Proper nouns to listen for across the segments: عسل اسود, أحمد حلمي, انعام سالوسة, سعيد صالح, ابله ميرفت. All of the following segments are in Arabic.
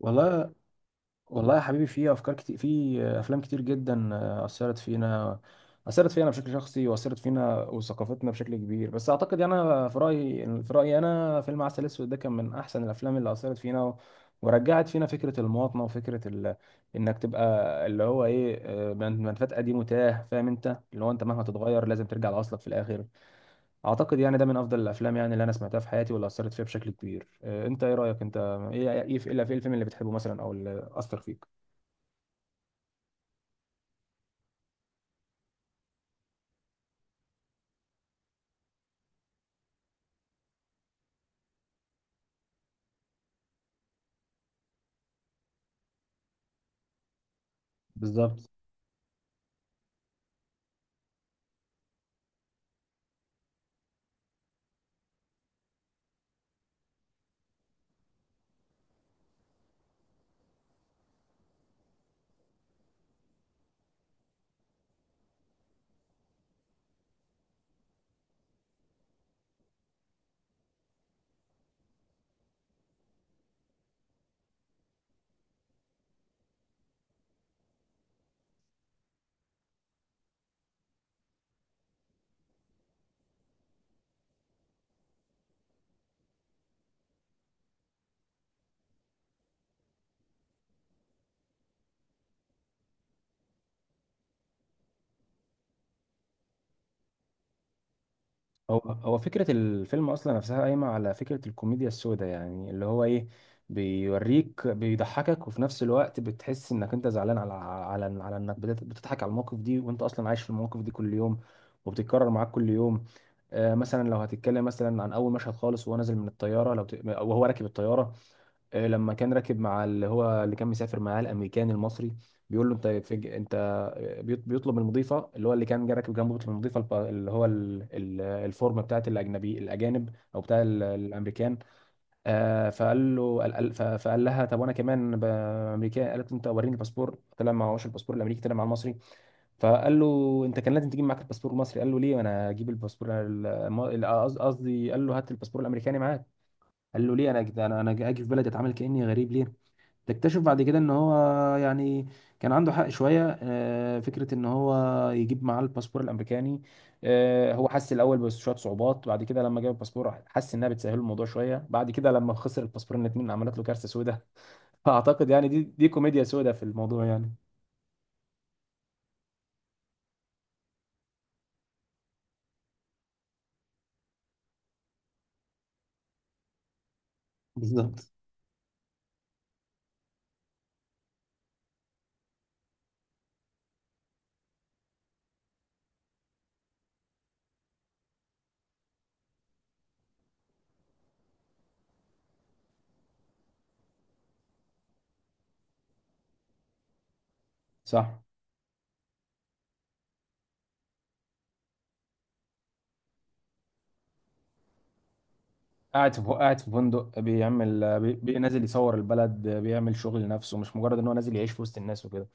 والله والله يا حبيبي في افكار كتير في افلام كتير جدا اثرت فينا بشكل شخصي واثرت فينا وثقافتنا بشكل كبير. بس اعتقد يعني انا في رايي انا فيلم عسل اسود ده كان من احسن الافلام اللي اثرت فينا ورجعت فينا فكره المواطنه وفكره انك تبقى اللي هو ايه، منفات قديم وتاه، فاهم انت؟ اللي هو انت مهما تتغير لازم ترجع لاصلك في الاخر. اعتقد يعني ده من افضل الافلام يعني اللي انا سمعتها في حياتي واللي اثرت فيها بشكل كبير. انت ايه رايك انت؟ ايه ايه إيه الفيلم اللي بتحبه مثلا او اللي اثر فيك؟ بالظبط. هو فكرة الفيلم أصلا نفسها قايمة على فكرة الكوميديا السوداء، يعني اللي هو إيه، بيوريك بيضحكك وفي نفس الوقت بتحس إنك أنت زعلان على إنك بتضحك على المواقف دي وأنت أصلا عايش في المواقف دي كل يوم وبتتكرر معاك كل يوم. آه، مثلا لو هتتكلم مثلا عن أول مشهد خالص وهو نازل من الطيارة، وهو راكب الطيارة، آه لما كان راكب مع اللي هو اللي كان مسافر معاه الأمريكان المصري، بيقول له أنت، بيطلب من المضيفه اللي هو اللي كان جاي راكب جنبه، بيطلب من المضيفه اللي هو الفورم بتاعت الاجانب او بتاع الامريكان. آه، فقال له، فقال لها طب وانا كمان امريكان. قالت له انت وريني الباسبور، طلع معهوش الباسبور الامريكي، طلع مع المصري. فقال له انت كان لازم تجيب معاك الباسبور المصري. قال له ليه انا اجيب قصدي، قال له هات الباسبور الامريكاني معاك. قال له ليه انا انا اجي في بلدي اتعامل كاني غريب ليه؟ تكتشف بعد كده ان هو يعني كان عنده حق شويه، آه، فكره ان هو يجيب معاه الباسبور الامريكاني. آه، هو حس الاول بشويه صعوبات، بعد كده لما جاب الباسبور حس انها بتسهل الوضع شويه، بعد كده لما خسر الباسبور الاتنين عملت له كارثه سوداء. فاعتقد يعني دي كوميديا سوداء في الموضوع يعني. بالظبط، صح. قاعد في فندق بيعمل نازل يصور البلد، بيعمل شغل لنفسه مش مجرد ان هو نازل يعيش في وسط الناس وكده.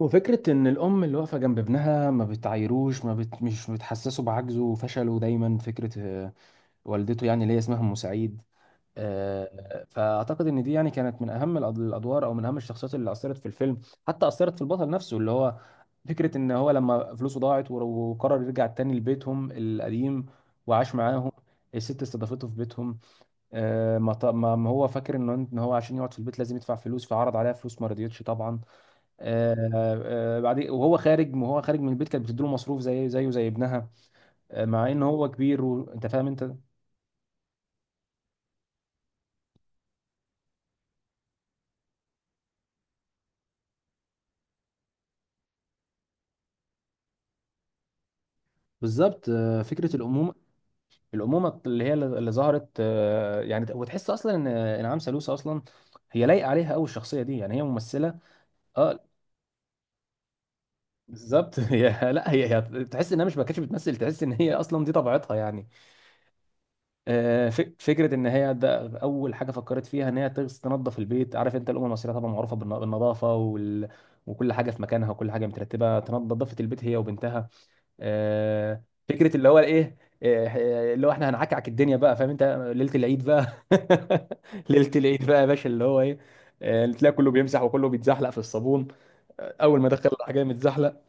وفكرة إن الأم اللي واقفة جنب ابنها ما بتعايروش، ما بت... مش بتحسسه بعجزه وفشله دايما، فكرة، آه، والدته يعني اللي هي اسمها أم سعيد. آه، فأعتقد إن دي يعني كانت من أهم الأدوار أو من أهم الشخصيات اللي أثرت في الفيلم، حتى أثرت في البطل نفسه اللي هو فكرة إن هو لما فلوسه ضاعت وقرر يرجع تاني لبيتهم القديم وعاش معاهم. الست استضافته في بيتهم. آه، ما ط- ما ما هو فاكر إن هو عشان يقعد في البيت لازم يدفع فلوس، فعرض عليها فلوس ما رضيتش طبعا. آه، آه، بعدين وهو خارج من البيت كانت بتديله مصروف زي زي ابنها. آه، مع ان هو كبير، وانت فاهم انت. بالظبط. آه، الامومه، الامومه اللي هي اللي ظهرت، آه، يعني وتحس اصلا ان انعام سالوسة اصلا هي لايقه عليها قوي الشخصيه دي، يعني هي ممثله. اه بالظبط. هي لا هي, هي تحس انها مش، ما كانتش بتمثل، تحس ان هي اصلا دي طبيعتها يعني. آه، فكره ان هي ده اول حاجه فكرت فيها ان هي تنظف البيت. عارف انت، الامم المصريه طبعا معروفه بالنظافه وكل حاجه في مكانها وكل حاجه مترتبه، نظفت البيت هي وبنتها. آه، فكره اللي هو الايه، آه، آه، اللي هو احنا هنعكعك الدنيا بقى، فاهم انت؟ ليله العيد بقى، ليله العيد بقى يا باشا، اللي هو ايه، آه، تلاقي كله بيمسح وكله بيتزحلق في الصابون. آه، اول ما دخل الحاجه متزحلق.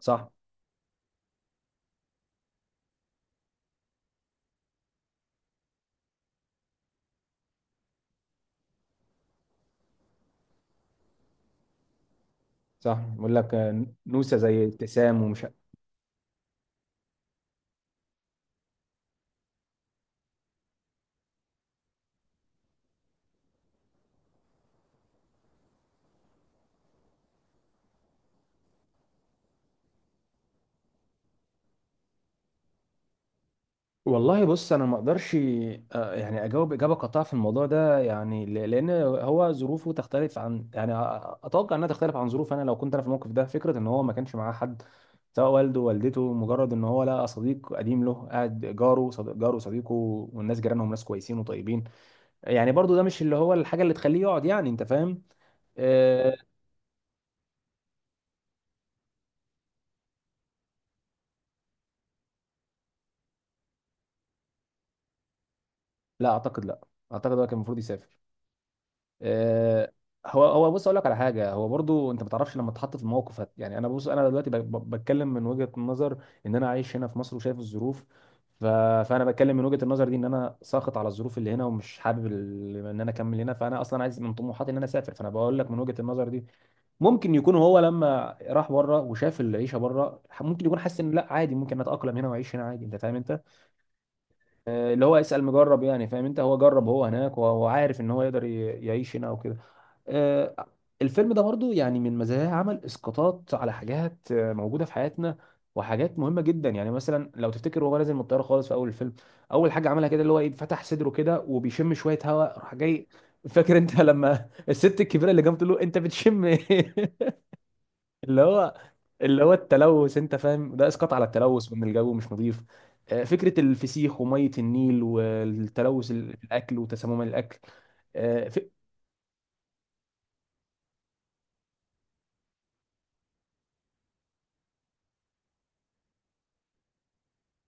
صح، صح. بقول لك، آه، نوسه زي ابتسام ومش. والله بص، انا ما اقدرش، آه، يعني اجاوب اجابه قاطعه في الموضوع ده يعني، لان هو ظروفه تختلف عن، يعني اتوقع انها تختلف عن ظروف انا لو كنت انا في الموقف ده. فكره ان هو ما كانش معاه حد، سواء والدته، مجرد ان هو لقى صديق قديم له قاعد جاره، صديق جاره، صديقه، والناس جيرانهم ناس كويسين وطيبين. يعني برضو ده مش اللي هو الحاجه اللي تخليه يقعد، يعني انت فاهم. آه، لا اعتقد لا، اعتقد هو كان المفروض يسافر. آه، هو بص اقول لك على حاجه، هو برضو انت ما تعرفش لما تتحط في الموقف يعني انا بص، انا دلوقتي بتكلم من وجهه نظر ان انا عايش هنا في مصر وشايف الظروف، ف... فانا بتكلم من وجهه النظر دي ان انا ساخط على الظروف اللي هنا ومش حابب ان انا اكمل هنا، فانا اصلا عايز من طموحاتي ان انا اسافر، فانا بقول لك من وجهه النظر دي. ممكن يكون هو لما راح بره وشاف العيشه بره ممكن يكون حاسس ان لا عادي، ممكن اتاقلم هنا واعيش هنا عادي، انت فاهم انت. آه، اللي هو اسال مجرب، يعني فاهم انت، هو جرب هو هناك وهو عارف ان هو يقدر يعيش هنا وكده. آه، الفيلم ده برضو يعني من مزاياه عمل اسقاطات على حاجات، آه، موجوده في حياتنا وحاجات مهمه جدا. يعني مثلا لو تفتكر وهو نازل من الطياره خالص في اول الفيلم، اول حاجه عملها كده اللي هو ايه، فتح صدره كده وبيشم شويه هواء راح جاي. فاكر انت لما الست الكبيره اللي جنبه تقول له انت بتشم ايه؟ اللي هو اللي هو التلوث، انت فاهم، ده اسقاط على التلوث وان الجو مش نظيف. آه، فكره الفسيخ وميه النيل والتلوث، الاكل وتسمم الاكل.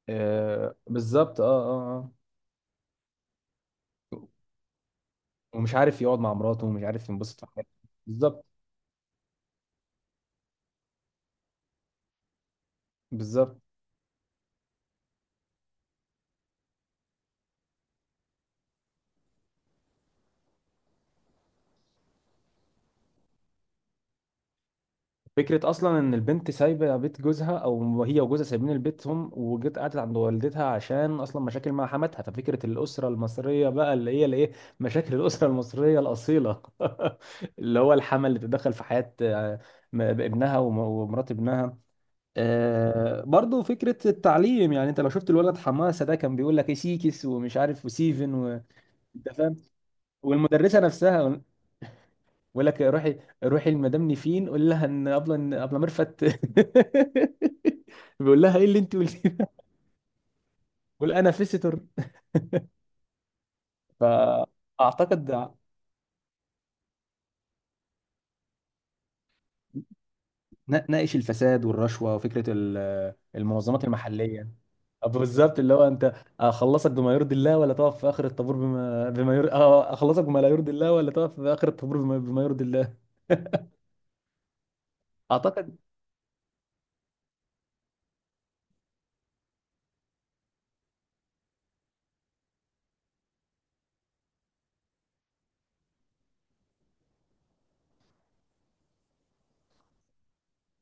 آه بالظبط، اه اه اه. ومش عارف يقعد مع مراته ومش عارف ينبسط في حياته. بالظبط. بالظبط. فكرة أصلا إن البنت سايبة بيت جوزها، أو هي وجوزها سايبين البيت، هم وجت قعدت عند والدتها عشان أصلا مشاكل مع حماتها، ففكرة الأسرة المصرية بقى اللي هي الإيه، مشاكل الأسرة المصرية الأصيلة. اللي هو الحما اللي تتدخل في حياة، آه، ابنها ومرات ابنها. آه برضو فكرة التعليم، يعني انت لو شفت الولد حماسة ده كان بيقول لك ايه سيكس ومش عارف وسيفن، انت فاهم. والمدرسه نفسها بقول لك روحي لمدام نيفين قول لها ان ابله ميرفت، بيقول لها ايه اللي انت قلتيه ده؟ بقول انا فيستور. فاعتقد ناقش الفساد والرشوه وفكره المنظمات المحليه. بالظبط. اللي هو انت اخلصك بما يرضي الله ولا تقف في اخر الطابور بما يرضي، اه اخلصك بما لا يرضي الله ولا تقف في اخر الطابور بما يرضي الله. اعتقد،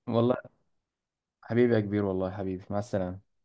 والله حبيبي يا كبير، والله حبيبي، مع السلامه.